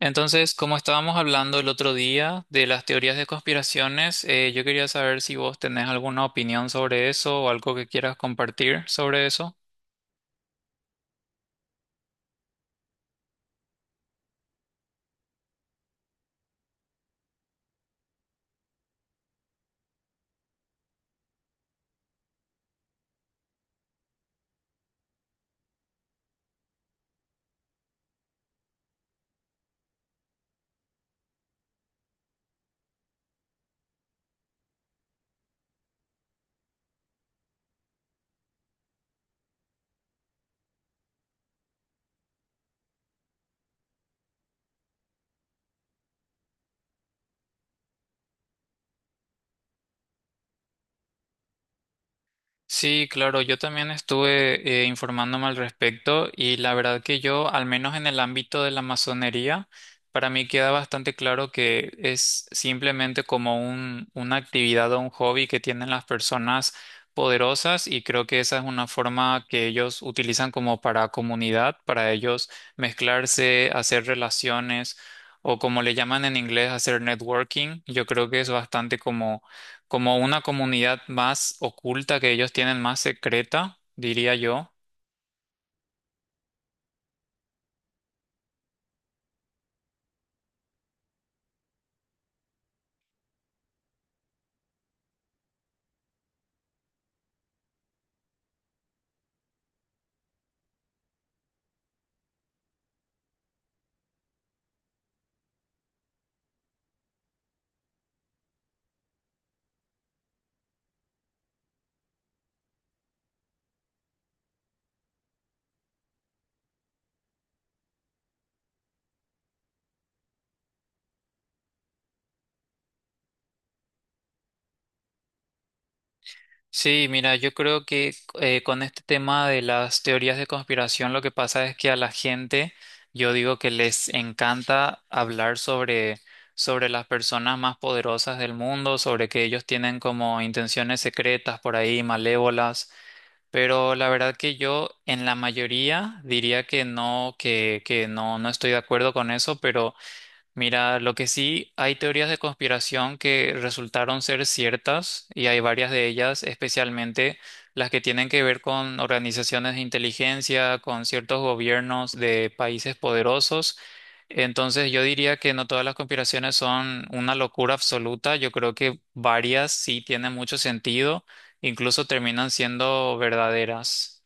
Entonces, como estábamos hablando el otro día de las teorías de conspiraciones, yo quería saber si vos tenés alguna opinión sobre eso o algo que quieras compartir sobre eso. Sí, claro, yo también estuve informándome al respecto, y la verdad que yo, al menos en el ámbito de la masonería, para mí queda bastante claro que es simplemente como una actividad o un hobby que tienen las personas poderosas. Y creo que esa es una forma que ellos utilizan como para comunidad, para ellos mezclarse, hacer relaciones, o como le llaman en inglés, hacer networking. Yo creo que es bastante como como una comunidad más oculta que ellos tienen, más secreta, diría yo. Sí, mira, yo creo que con este tema de las teorías de conspiración, lo que pasa es que a la gente, yo digo que les encanta hablar sobre, sobre las personas más poderosas del mundo, sobre que ellos tienen como intenciones secretas por ahí, malévolas. Pero la verdad que yo en la mayoría diría que no, que, no estoy de acuerdo con eso. Pero mira, lo que sí, hay teorías de conspiración que resultaron ser ciertas, y hay varias de ellas, especialmente las que tienen que ver con organizaciones de inteligencia, con ciertos gobiernos de países poderosos. Entonces yo diría que no todas las conspiraciones son una locura absoluta. Yo creo que varias sí tienen mucho sentido, incluso terminan siendo verdaderas.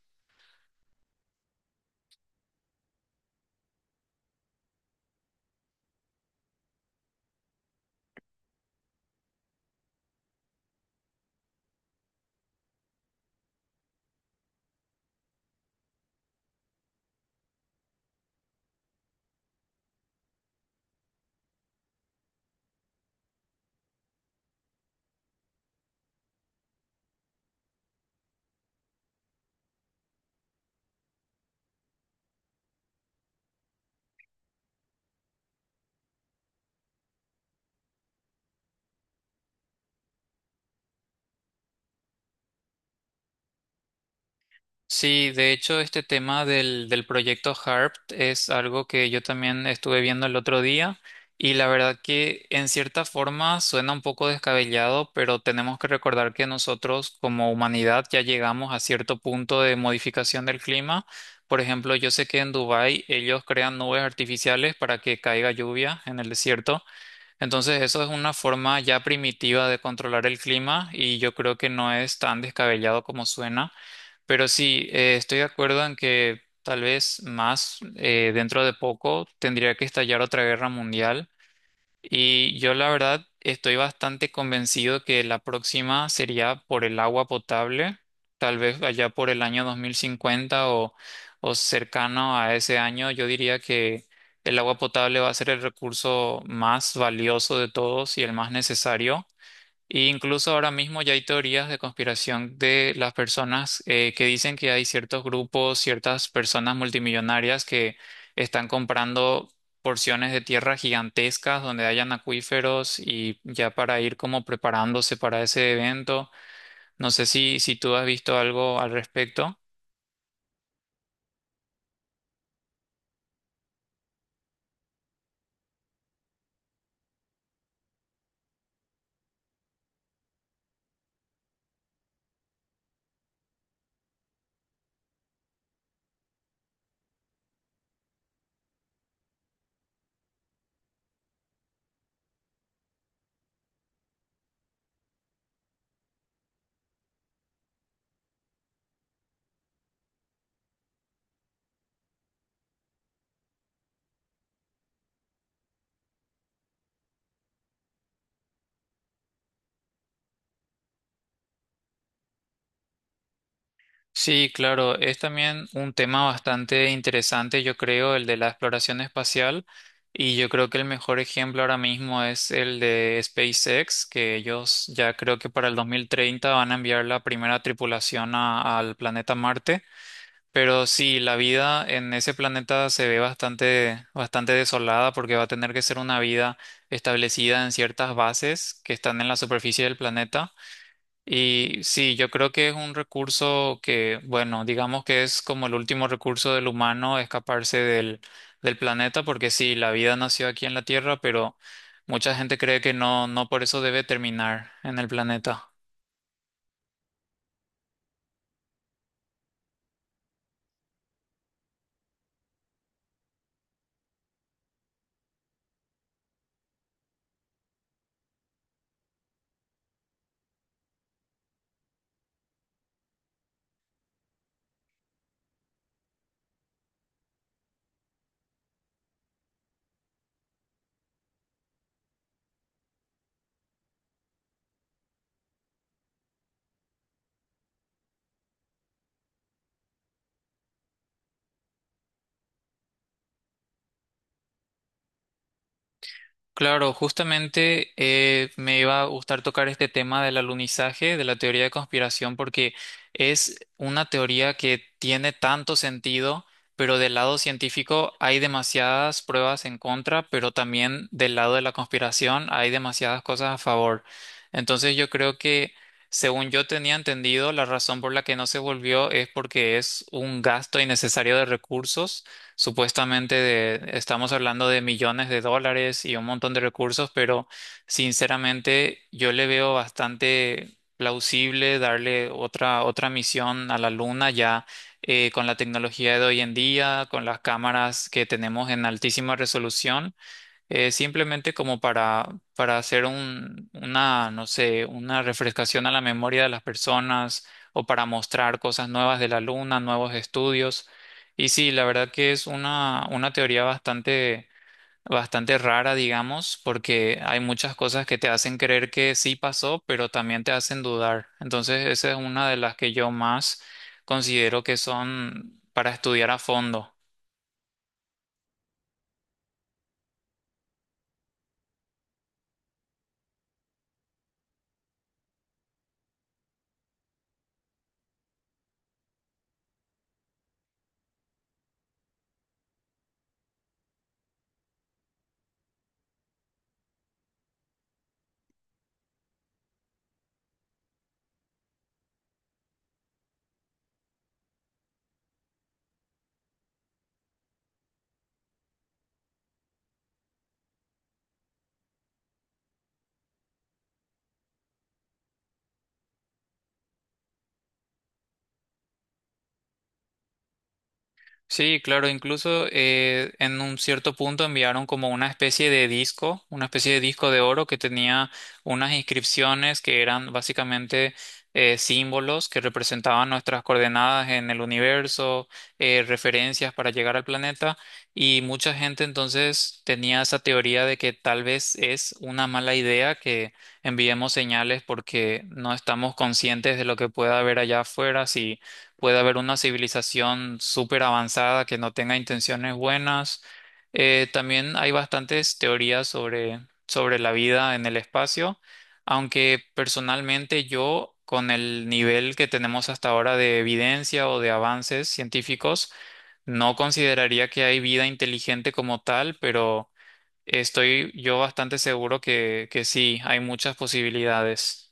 Sí, de hecho, este tema del proyecto HARP es algo que yo también estuve viendo el otro día, y la verdad que en cierta forma suena un poco descabellado, pero tenemos que recordar que nosotros como humanidad ya llegamos a cierto punto de modificación del clima. Por ejemplo, yo sé que en Dubái ellos crean nubes artificiales para que caiga lluvia en el desierto. Entonces, eso es una forma ya primitiva de controlar el clima, y yo creo que no es tan descabellado como suena. Pero sí, estoy de acuerdo en que tal vez más dentro de poco tendría que estallar otra guerra mundial. Y yo la verdad estoy bastante convencido que la próxima sería por el agua potable, tal vez allá por el año 2050 o cercano a ese año. Yo diría que el agua potable va a ser el recurso más valioso de todos y el más necesario. E incluso ahora mismo ya hay teorías de conspiración de las personas que dicen que hay ciertos grupos, ciertas personas multimillonarias que están comprando porciones de tierra gigantescas donde hayan acuíferos, y ya para ir como preparándose para ese evento. No sé si, si tú has visto algo al respecto. Sí, claro, es también un tema bastante interesante, yo creo, el de la exploración espacial. Y yo creo que el mejor ejemplo ahora mismo es el de SpaceX, que ellos ya creo que para el 2030 van a enviar la primera tripulación al planeta Marte. Pero sí, la vida en ese planeta se ve bastante, bastante desolada, porque va a tener que ser una vida establecida en ciertas bases que están en la superficie del planeta. Y sí, yo creo que es un recurso que, bueno, digamos que es como el último recurso del humano, escaparse del planeta, porque sí, la vida nació aquí en la Tierra, pero mucha gente cree que no, no por eso debe terminar en el planeta. Claro, justamente me iba a gustar tocar este tema del alunizaje, de la teoría de conspiración, porque es una teoría que tiene tanto sentido, pero del lado científico hay demasiadas pruebas en contra, pero también del lado de la conspiración hay demasiadas cosas a favor. Entonces yo creo que, según yo tenía entendido, la razón por la que no se volvió es porque es un gasto innecesario de recursos. Supuestamente estamos hablando de millones de dólares y un montón de recursos, pero sinceramente yo le veo bastante plausible darle otra, otra misión a la Luna ya, con la tecnología de hoy en día, con las cámaras que tenemos en altísima resolución, simplemente como para hacer una, no sé, una refrescación a la memoria de las personas, o para mostrar cosas nuevas de la luna, nuevos estudios. Y sí, la verdad que es una teoría bastante, bastante rara, digamos, porque hay muchas cosas que te hacen creer que sí pasó, pero también te hacen dudar. Entonces, esa es una de las que yo más considero que son para estudiar a fondo. Sí, claro, incluso en un cierto punto enviaron como una especie de disco, una especie de disco de oro que tenía unas inscripciones que eran básicamente símbolos que representaban nuestras coordenadas en el universo, referencias para llegar al planeta, y mucha gente entonces tenía esa teoría de que tal vez es una mala idea que enviemos señales, porque no estamos conscientes de lo que pueda haber allá afuera, si puede haber una civilización súper avanzada que no tenga intenciones buenas. También hay bastantes teorías sobre, sobre la vida en el espacio, aunque personalmente yo, con el nivel que tenemos hasta ahora de evidencia o de avances científicos, no consideraría que hay vida inteligente como tal, pero estoy yo bastante seguro que sí, hay muchas posibilidades.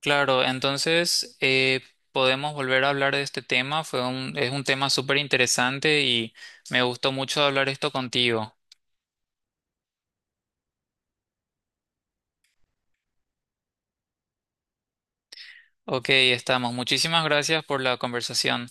Claro, entonces podemos volver a hablar de este tema. Es un tema súper interesante y me gustó mucho hablar esto contigo. Ok, estamos. Muchísimas gracias por la conversación.